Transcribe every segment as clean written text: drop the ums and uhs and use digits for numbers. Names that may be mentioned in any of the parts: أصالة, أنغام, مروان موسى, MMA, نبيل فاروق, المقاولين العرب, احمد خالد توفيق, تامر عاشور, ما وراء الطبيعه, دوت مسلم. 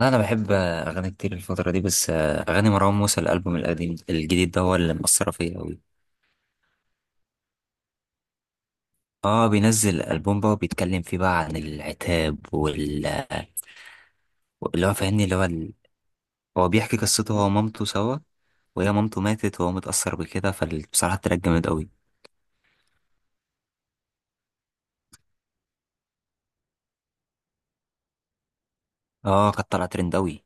لا انا بحب اغاني كتير الفتره دي بس اغاني مروان موسى الالبوم القديم الجديد ده هو اللي مأثره فيا قوي. اه بينزل البوم بقى وبيتكلم فيه بقى عن العتاب اللي هو فاهمني هو بيحكي قصته هو ومامته سوا، وهي مامته ماتت وهو متأثر بكده، فبصراحه التراك جامد قوي. اه كانت طالعه ترند قوي.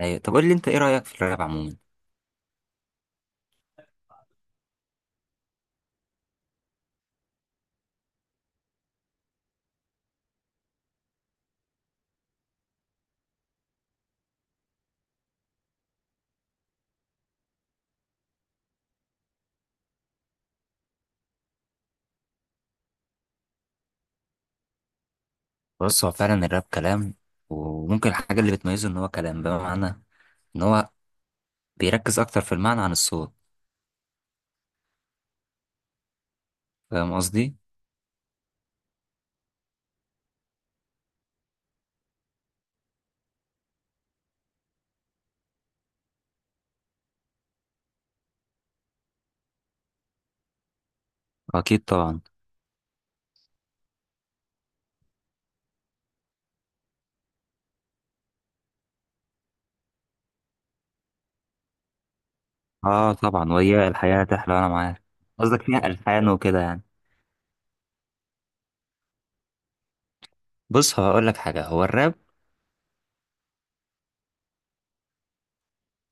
أيوة. طب قول لي انت ايه رأيك في الراب عموما؟ بص هو فعلا الراب كلام، وممكن الحاجه اللي بتميزه ان هو كلام بمعنى ان هو بيركز اكتر في المعنى عن الصوت. فاهم قصدي؟ اكيد طبعا. اه طبعا، وهي الحياة تحلى انا معاك. قصدك فيها الحان وكده يعني. بص هقول لك حاجة، هو الراب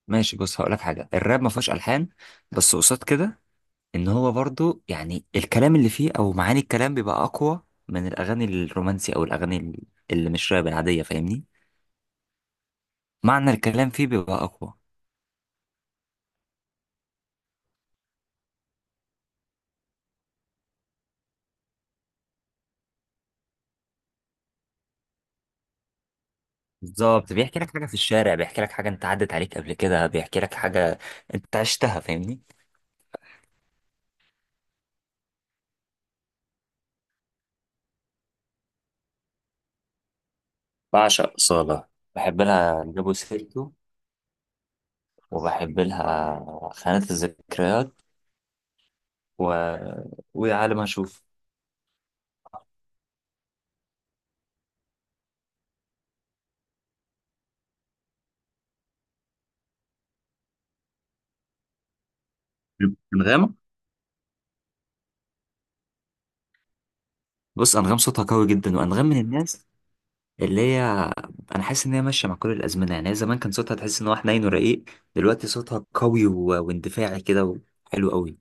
ماشي. بص هقول لك حاجة، الراب ما فيهوش الحان، بس قصاد كده ان هو برضو يعني الكلام اللي فيه او معاني الكلام بيبقى اقوى من الاغاني الرومانسي او الاغاني اللي مش راب العادية، فاهمني؟ معنى الكلام فيه بيبقى اقوى. بالظبط، بيحكي لك حاجة في الشارع، بيحكي لك حاجة انت عدت عليك قبل كده، بيحكي لك حاجة انت عشتها، فاهمني؟ بعشق أصالة. بحب لها جابو سيرتو، وبحب لها خانة الذكريات و... ويا عالم هشوف. انغام. بص أنغام صوتها قوي جدا، وأنغام من الناس اللي هي أنا حاسس إن هي ماشية مع كل الأزمنة. يعني هي زمان كان صوتها تحس إن هو حنين ورقيق، دلوقتي صوتها قوي واندفاعي كده، وحلو قوي.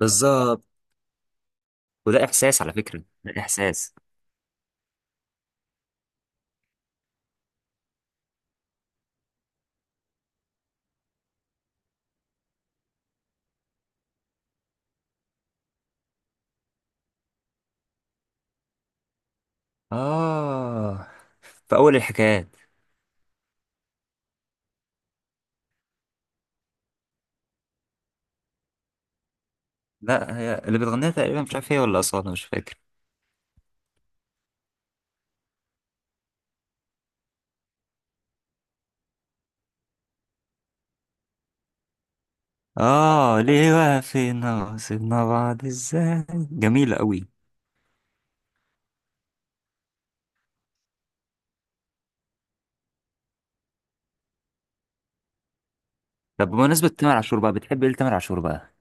بالظبط. وده إحساس على فكرة، ده إحساس. آه، في أول الحكايات. لا، هي اللي بتغنيها تقريبا، مش عارف هي ولا أصالة، مش فاكر. آه، ليه وقفنا وسيبنا بعض إزاي. جميلة قوي. طب بمناسبة تامر عاشور بقى، بتحب ايه لتامر عاشور بقى؟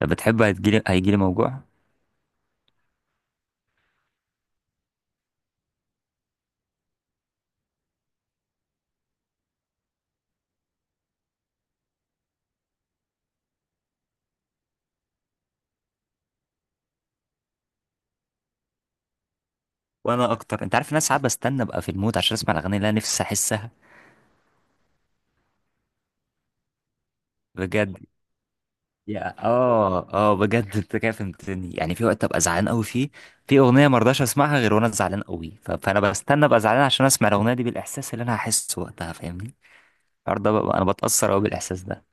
طب بتحب هيجيلي موجوع؟ وانا اكتر. انت عارف إن انا ساعات بستنى ابقى في المود عشان اسمع الاغاني اللي انا نفسي احسها. بجد. يا بجد انت كده فهمتني. يعني في وقت ابقى زعلان قوي فيه في اغنيه ما ارضاش اسمعها غير وانا زعلان قوي، فانا بستنى ابقى زعلان عشان اسمع الاغنيه دي بالاحساس اللي انا هحسه وقتها، فاهمني؟ الحوار ده بقى انا بتاثر قوي بالاحساس ده.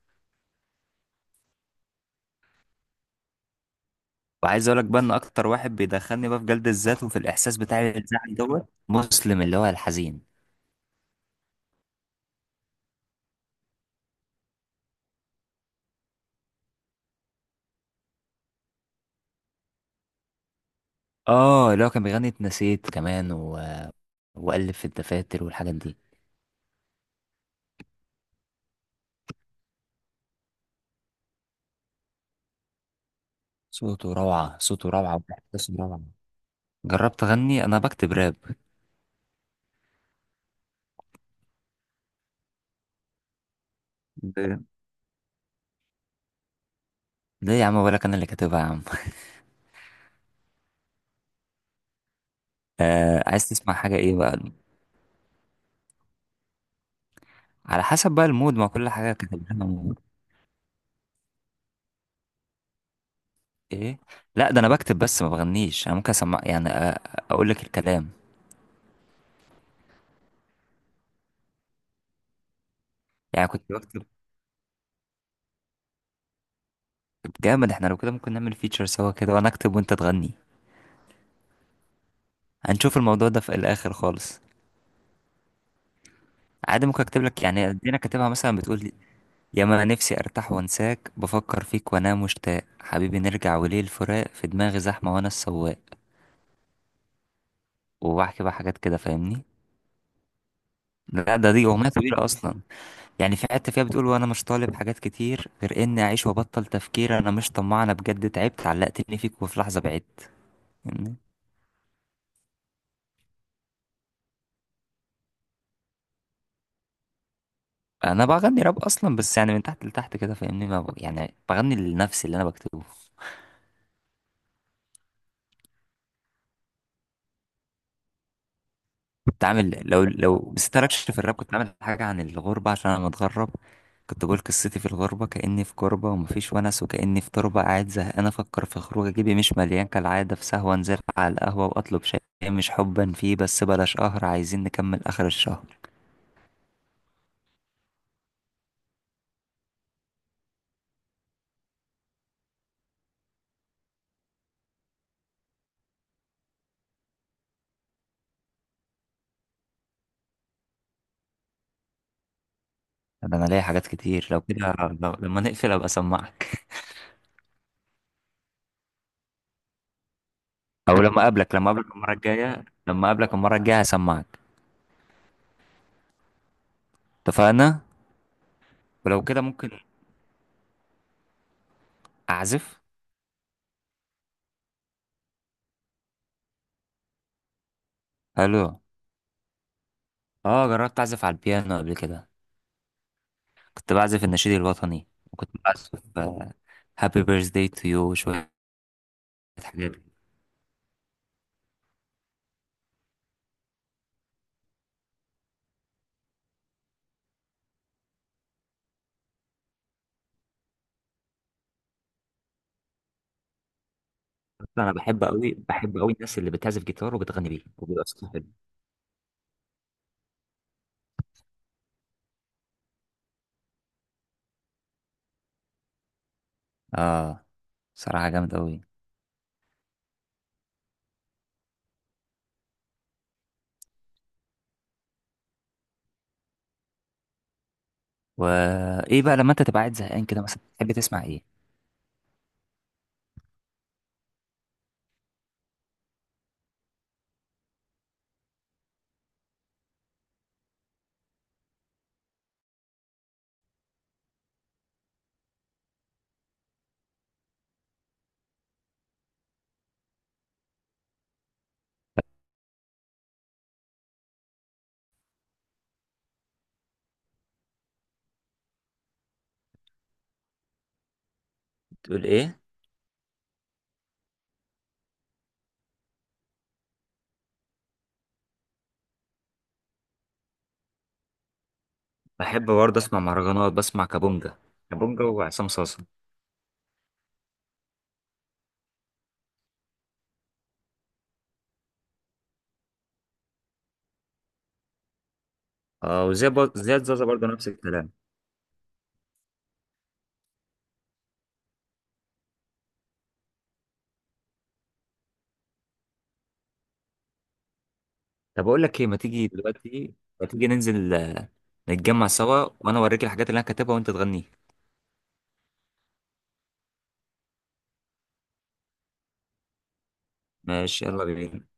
وعايز اقول لك بقى ان اكتر واحد بيدخلني بقى في جلد الذات وفي الاحساس بتاعي الزعل، دوت مسلم اللي هو الحزين. اه، اللي هو كان بيغني اتنسيت كمان وألف في الدفاتر والحاجات دي. صوته روعة، صوته روعة، وإحساسه روعة. جربت أغني، أنا بكتب راب. ب- ليه يا عم، ولا أنا اللي كاتبها يا عم. آه، عايز تسمع حاجة إيه بقى؟ على حسب بقى المود، ما كل حاجة كاتبها مود. إيه. لا، ده أنا بكتب بس ما بغنيش. أنا ممكن أسمع يعني، أقول لك الكلام. يعني كنت بكتب. جامد. احنا لو كده ممكن نعمل فيتشر سوا كده، وأنا أكتب وأنت تغني. هنشوف الموضوع ده في الآخر خالص. عادي، ممكن اكتب لك. يعني ادينا كاتبها مثلا، بتقول: ياما نفسي ارتاح وانساك، بفكر فيك وانام مشتاق، حبيبي نرجع وليه الفراق، في دماغي زحمه وانا السواق. وبحكي بقى حاجات كده، فاهمني؟ لا، دي اغنيه كبيره اصلا. يعني في حته فيها بتقول: وانا مش طالب حاجات كتير غير اني اعيش وابطل تفكير، انا مش طماع، انا بجد تعبت، علقتني فيك وفي لحظه بعدت. فاهمني؟ انا بغني راب اصلا، بس يعني من تحت لتحت كده، فاهمني؟ ما ب... يعني بغني لنفسي اللي انا بكتبه. كنت عامل، لو بس تركش في الراب، كنت عامل حاجة عن الغربة عشان أنا متغرب. كنت بقول: قصتي في الغربة كأني في كربة، ومفيش ونس وكأني في تربة، قاعد زهقان أفكر في خروج، جيبي مش مليان كالعادة، في سهوة أنزل على القهوة وأطلب شاي مش حبا فيه، بس بلاش قهر، عايزين نكمل آخر الشهر. ده أنا ليا حاجات كتير لو كده. لو لما نقفل أبقى أسمعك. أو لما أقابلك المرة الجاية، هسمعك. اتفقنا. ولو كده، ممكن أعزف. ألو. أه، جربت أعزف على البيانو قبل كده. كنت بعزف النشيد الوطني، وكنت بعزف هابي بيرث داي تو يو وشوية حاجات. أصلاً انا بحب قوي، الناس اللي بتعزف جيتار وبتغني بيه وبيبقى صوتها حلو. اه. صراحة جامد أوي. وإيه بقى لما أنت تبقى قاعد زهقان كده مثلا، تحب تسمع إيه؟ تقول ايه؟ بحب برضه اسمع مهرجانات، بسمع كابونجا. كابونجا وعصام صاصا. اه، وزي زياد زازا برضه نفس الكلام. طب اقول لك ايه، ما تيجي ننزل نتجمع سوا، وانا اوريك الحاجات اللي انا كاتبها وانت تغني. ماشي، يلا بينا.